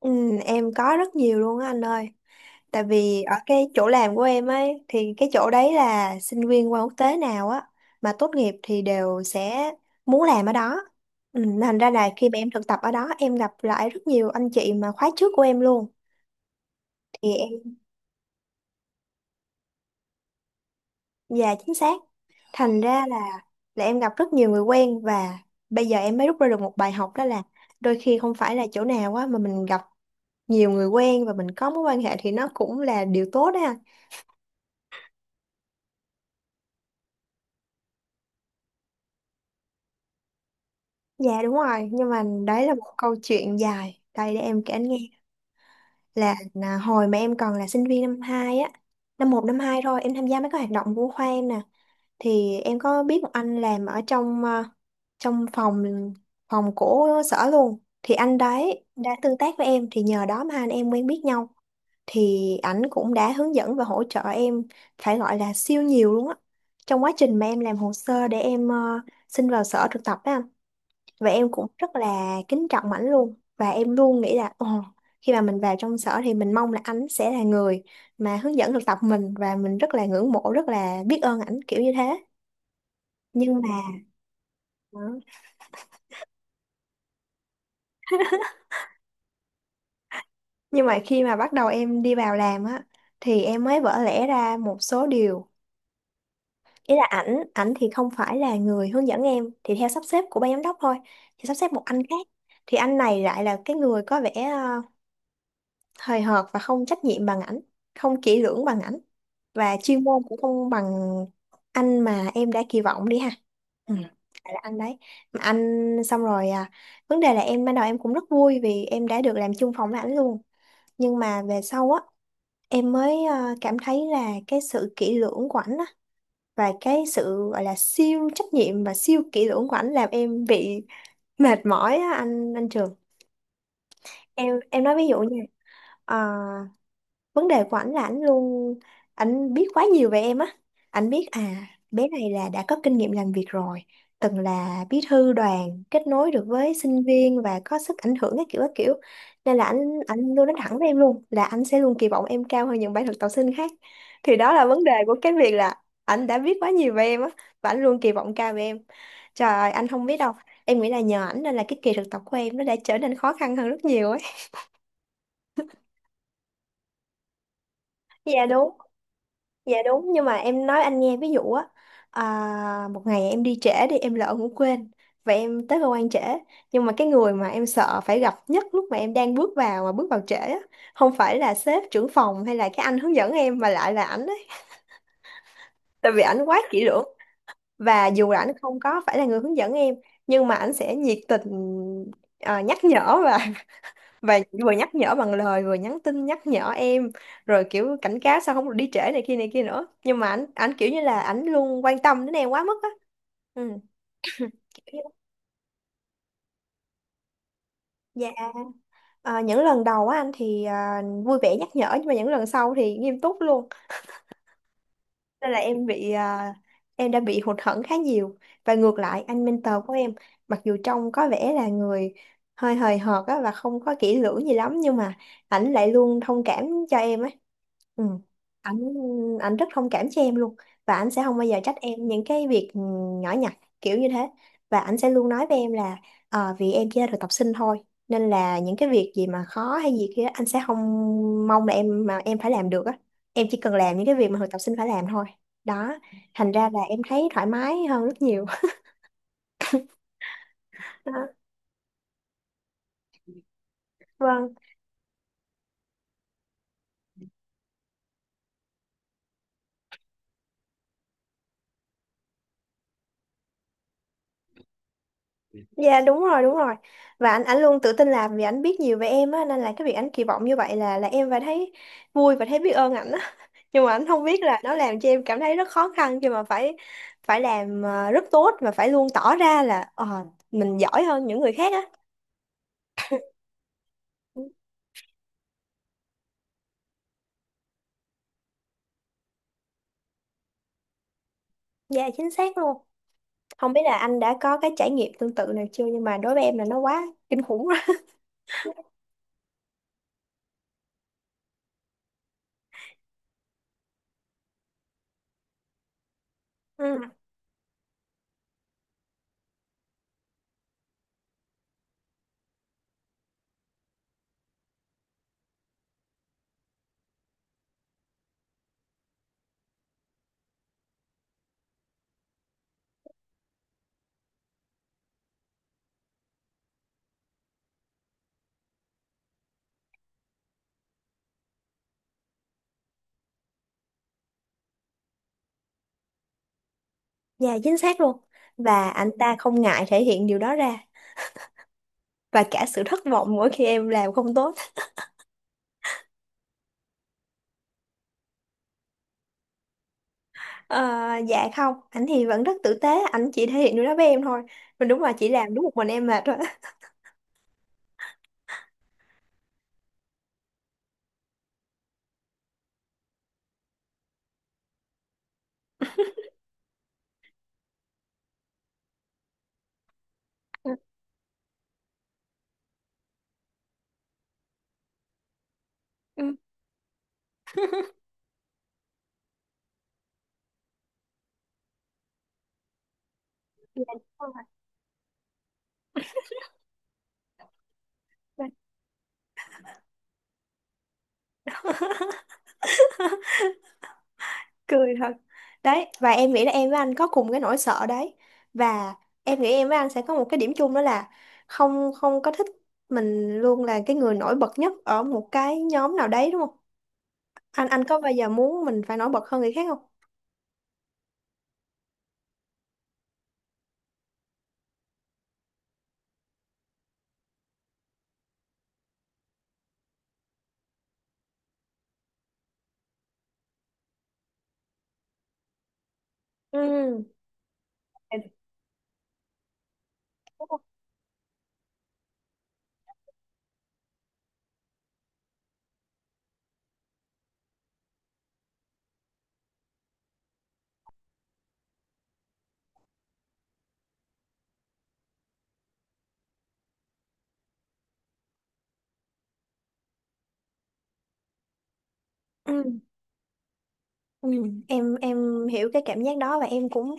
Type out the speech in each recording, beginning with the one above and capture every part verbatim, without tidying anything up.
Ừ, em có rất nhiều luôn á anh ơi. Tại vì ở cái chỗ làm của em ấy thì cái chỗ đấy là sinh viên qua quốc tế nào á mà tốt nghiệp thì đều sẽ muốn làm ở đó. Ừ, thành ra là khi mà em thực tập ở đó em gặp lại rất nhiều anh chị mà khóa trước của em luôn thì em và chính xác. Thành ra là là em gặp rất nhiều người quen và bây giờ em mới rút ra được một bài học đó là đôi khi không phải là chỗ nào á mà mình gặp nhiều người quen và mình có mối quan hệ thì nó cũng là điều tốt đó. Dạ đúng rồi, nhưng mà đấy là một câu chuyện dài. Đây để em kể anh nghe là là hồi mà em còn là sinh viên năm hai á, năm một năm hai thôi, em tham gia mấy cái hoạt động của khoa em nè. Thì em có biết một anh làm ở trong ờ, trong phòng phòng của sở luôn. Thì anh đấy đã tương tác với em thì nhờ đó mà hai anh em quen biết nhau. Thì ảnh cũng đã hướng dẫn và hỗ trợ em phải gọi là siêu nhiều luôn á. Trong quá trình mà em làm hồ sơ để em ờ, xin vào sở thực tập á và em cũng rất là kính trọng ảnh luôn và em luôn nghĩ là ồ, khi mà mình vào trong sở thì mình mong là ảnh sẽ là người mà hướng dẫn thực tập mình và mình rất là ngưỡng mộ rất là biết ơn ảnh kiểu như thế nhưng mà đó. Nhưng mà khi mà bắt đầu em đi vào làm á thì em mới vỡ lẽ ra một số điều, ý là ảnh ảnh thì không phải là người hướng dẫn em thì theo sắp xếp của ban giám đốc thôi thì sắp xếp một anh khác. Thì anh này lại là cái người có vẻ ờ, hời hợt và không trách nhiệm bằng ảnh, không kỹ lưỡng bằng ảnh và chuyên môn cũng không bằng anh mà em đã kỳ vọng đi ha. Ừ. Phải là anh đấy mà anh xong rồi à, vấn đề là em ban đầu em cũng rất vui vì em đã được làm chung phòng với ảnh luôn, nhưng mà về sau á em mới à, cảm thấy là cái sự kỹ lưỡng của ảnh á và cái sự gọi là siêu trách nhiệm và siêu kỹ lưỡng của ảnh làm em bị mệt mỏi á anh anh Trường. em em nói ví dụ nha. ờ, Vấn đề của ảnh là ảnh luôn, ảnh biết quá nhiều về em á, ảnh biết à bé này là đã có kinh nghiệm làm việc rồi, từng là bí thư đoàn kết nối được với sinh viên và có sức ảnh hưởng các kiểu các kiểu. Nên là ảnh ảnh luôn nói thẳng với em luôn là anh sẽ luôn kỳ vọng em cao hơn những bạn thực tập sinh khác. Thì đó là vấn đề của cái việc là ảnh đã biết quá nhiều về em á và ảnh luôn kỳ vọng cao về em. Trời ơi, anh không biết đâu, em nghĩ là nhờ ảnh nên là cái kỳ thực tập của em nó đã trở nên khó khăn hơn rất nhiều ấy. Dạ đúng. Dạ đúng, nhưng mà em nói anh nghe ví dụ á. À, một ngày em đi trễ đi, em lỡ ngủ quên và em tới cơ quan trễ, nhưng mà cái người mà em sợ phải gặp nhất lúc mà em đang bước vào mà bước vào trễ á không phải là sếp trưởng phòng hay là cái anh hướng dẫn em mà lại là ảnh ấy, tại vì ảnh quá kỹ lưỡng. Và dù là ảnh không có phải là người hướng dẫn em nhưng mà ảnh sẽ nhiệt tình à, nhắc nhở và và vừa nhắc nhở bằng lời vừa nhắn tin nhắc nhở em, rồi kiểu cảnh cáo sao không được đi trễ này kia này kia nữa. Nhưng mà ảnh ảnh kiểu như là ảnh luôn quan tâm đến em quá mức á. Ừ. Kiểu như- dạ, à, những lần đầu á anh thì à, vui vẻ nhắc nhở nhưng mà những lần sau thì nghiêm túc luôn. Nên là em bị à, em đã bị hụt hẫng khá nhiều. Và ngược lại anh mentor của em, mặc dù trông có vẻ là người hơi hời hợt á và không có kỹ lưỡng gì lắm nhưng mà ảnh lại luôn thông cảm cho em ấy. Ừ. ảnh Ảnh rất thông cảm cho em luôn, và ảnh sẽ không bao giờ trách em những cái việc ừ, nhỏ nhặt kiểu như thế. Và ảnh sẽ luôn nói với em là ờ, vì em chỉ là thực tập sinh thôi nên là những cái việc gì mà khó hay gì kia anh sẽ không mong là em mà em phải làm được á, em chỉ cần làm những cái việc mà thực tập sinh phải làm thôi. Đó, thành ra là em thấy thoải mái hơn rất nhiều. Đó. Vâng. Dạ đúng rồi, đúng rồi. Và anh ảnh luôn tự tin làm vì ảnh biết nhiều về em á nên là cái việc ảnh kỳ vọng như vậy là là em phải thấy vui và thấy biết ơn ảnh á. Nhưng mà ảnh không biết là nó làm cho em cảm thấy rất khó khăn khi mà phải phải làm ờ, rất tốt và phải luôn tỏ ra là ờ, mình giỏi hơn những người khác á. Dạ chính xác luôn. Không biết là anh đã có cái trải nghiệm tương tự nào chưa nhưng mà đối với em là nó quá kinh khủng rồi. Ừ. Dạ chính xác luôn. Và anh ta không ngại thể hiện điều đó ra và cả sự thất vọng mỗi khi em làm không tốt. Ờ, dạ không, anh thì vẫn rất tử tế, anh chỉ thể hiện điều đó với em thôi. Mình đúng là chỉ làm đúng một mình em mệt thôi. Ừ. Ừ, dạ, đúng rồi. Cười thật. Đấy, và em nghĩ là em với anh có cùng cái nỗi sợ đấy. Và em nghĩ em với anh sẽ có một cái điểm chung đó là không không có thích mình luôn là cái người nổi bật nhất ở một cái nhóm nào đấy đúng không? Anh anh có bao giờ muốn mình phải nổi bật hơn người khác không? Ừ. Ừ. Ừ. em em hiểu cái cảm giác đó và em cũng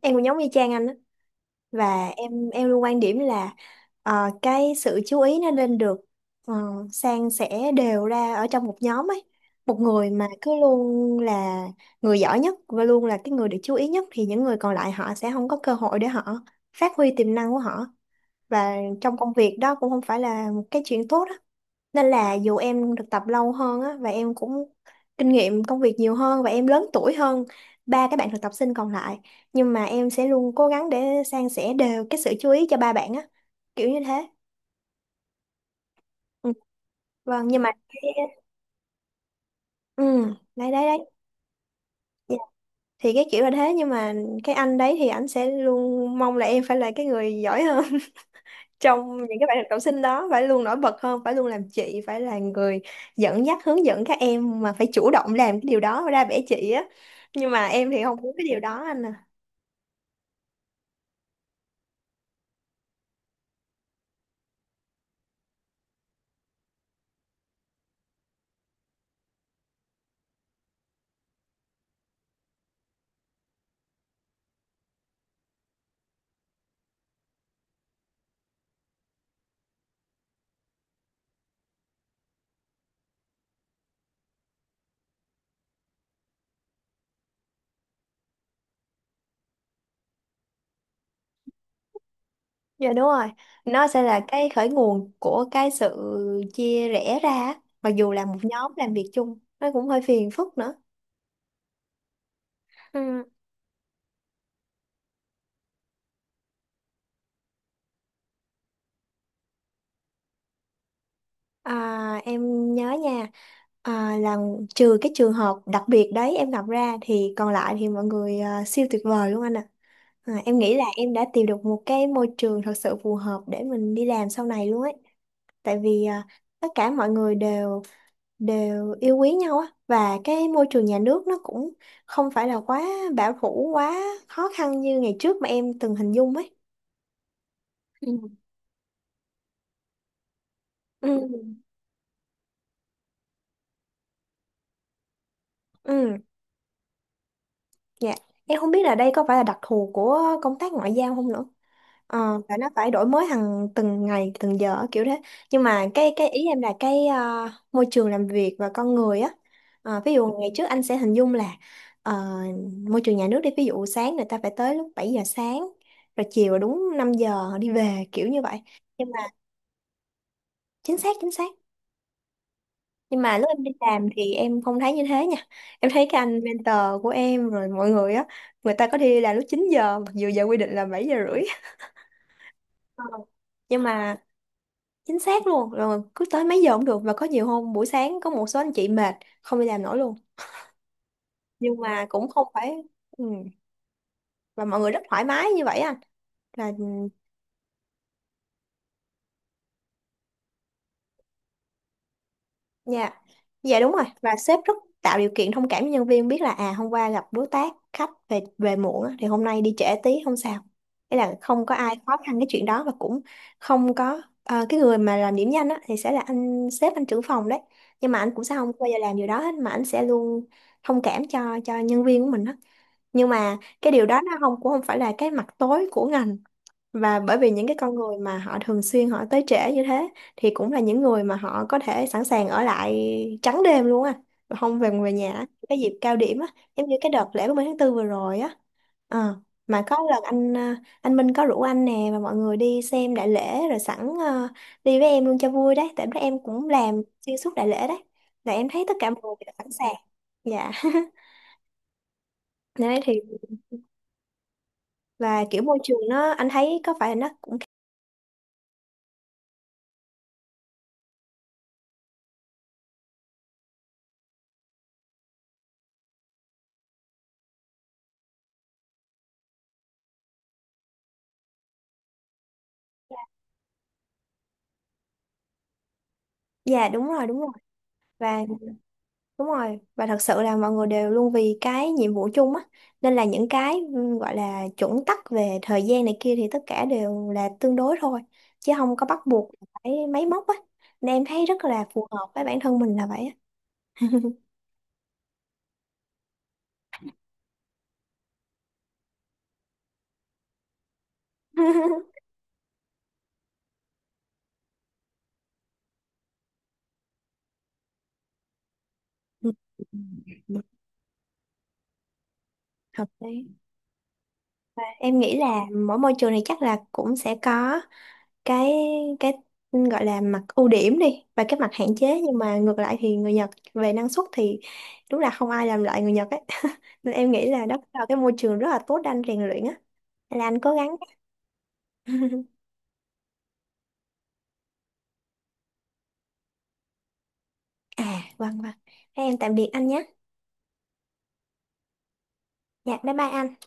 em cũng giống như Trang anh á. Và em em luôn quan điểm là ờ, cái sự chú ý nó nên được ờ, san sẻ đều ra ở trong một nhóm ấy. Một người mà cứ luôn là người giỏi nhất và luôn là cái người được chú ý nhất thì những người còn lại họ sẽ không có cơ hội để họ phát huy tiềm năng của họ, và trong công việc đó cũng không phải là một cái chuyện tốt á. Nên là dù em được tập lâu hơn á và em cũng kinh nghiệm công việc nhiều hơn và em lớn tuổi hơn ba các bạn thực tập sinh còn lại, nhưng mà em sẽ luôn cố gắng để san sẻ đều cái sự chú ý cho ba bạn á kiểu như thế. Ừ. Vâng, nhưng mà ừ đấy đấy đấy. Dạ. Thì cái kiểu là thế, nhưng mà cái anh đấy thì ảnh sẽ luôn mong là em phải là cái người giỏi hơn trong những cái bài thực tập sinh đó, phải luôn nổi bật hơn, phải luôn làm chị, phải là người dẫn dắt hướng dẫn các em mà phải chủ động làm cái điều đó ra vẻ chị á. Nhưng mà em thì không muốn cái điều đó anh à. Dạ đúng rồi, nó sẽ là cái khởi nguồn của cái sự chia rẽ ra á. Mặc dù là một nhóm làm việc chung nó cũng hơi phiền phức nữa. Ừ. À, em nhớ nha. À, là trừ cái trường hợp đặc biệt đấy em gặp ra thì còn lại thì mọi người à, siêu tuyệt vời luôn anh ạ. À, em nghĩ là em đã tìm được một cái môi trường thật sự phù hợp để mình đi làm sau này luôn ấy. Tại vì à, tất cả mọi người đều đều yêu quý nhau á và cái môi trường nhà nước nó cũng không phải là quá bảo thủ quá khó khăn như ngày trước mà em từng hình dung ấy. Ừ. Ừ. Ừ, dạ. Em không biết là đây có phải là đặc thù của công tác ngoại giao không nữa. Ờ, và nó phải đổi mới hàng từng ngày từng giờ á, kiểu thế. Nhưng mà cái cái ý em là cái ờ, môi trường làm việc và con người á. Ờ, ví dụ ngày trước anh sẽ hình dung là ờ, môi trường nhà nước đi, ví dụ sáng người ta phải tới lúc bảy giờ sáng, rồi chiều là đúng năm giờ họ đi về, kiểu như vậy. Nhưng mà chính xác, chính xác, nhưng mà lúc em đi làm thì em không thấy như thế nha. Em thấy cái anh mentor của em rồi mọi người á, người ta có đi là lúc chín giờ mặc dù giờ quy định là bảy giờ rưỡi. Ờ. Nhưng mà chính xác luôn, rồi cứ tới mấy giờ cũng được, và có nhiều hôm buổi sáng có một số anh chị mệt không đi làm nổi luôn. Nhưng mà cũng không phải, ừ, và mọi người rất thoải mái như vậy anh, là ừ, nha. Dạ đúng rồi, và sếp rất tạo điều kiện, thông cảm với nhân viên, biết là à, hôm qua gặp đối tác khách về về muộn á, thì hôm nay đi trễ tí không sao. Thế là không có ai khó khăn cái chuyện đó, và cũng không có ờ, cái người mà làm điểm danh á, thì sẽ là anh sếp, anh trưởng phòng đấy, nhưng mà anh cũng sẽ không bao giờ làm điều đó hết, mà anh sẽ luôn thông cảm cho cho nhân viên của mình đó. Nhưng mà cái điều đó nó không, cũng không phải là cái mặt tối của ngành. Và bởi vì những cái con người mà họ thường xuyên họ tới trễ như thế, thì cũng là những người mà họ có thể sẵn sàng ở lại trắng đêm luôn á, và không về về nhà á. Cái dịp cao điểm á, giống như cái đợt lễ ba mươi tháng tư vừa rồi á. Ờ, mà có lần anh ờ, anh Minh có rủ anh nè và mọi người đi xem đại lễ, rồi sẵn ờ, đi với em luôn cho vui đấy, tại bữa em cũng làm xuyên suốt đại lễ đấy. Là em thấy tất cả mọi người đều sẵn sàng. Dạ. Đấy thì, và kiểu môi trường nó, anh thấy có phải là nó cũng. Dạ đúng rồi, đúng rồi, và đúng rồi, và thật sự là mọi người đều luôn vì cái nhiệm vụ chung á, nên là những cái ừ, gọi là chuẩn tắc về thời gian này kia thì tất cả đều là tương đối thôi, chứ không có bắt buộc phải máy móc á. Nên em thấy rất là phù hợp với bản thân mình là vậy á. Ừ, hợp lý. Và em nghĩ là mỗi môi trường này chắc là cũng sẽ có cái cái gọi là mặt ưu điểm đi, và cái mặt hạn chế. Nhưng mà ngược lại thì người Nhật về năng suất thì đúng là không ai làm lại người Nhật ấy. Nên em nghĩ là đó là cái môi trường rất là tốt để anh rèn luyện á, là anh cố gắng. À vâng vâng, thế em tạm biệt anh nhé. Dạ bye bye anh.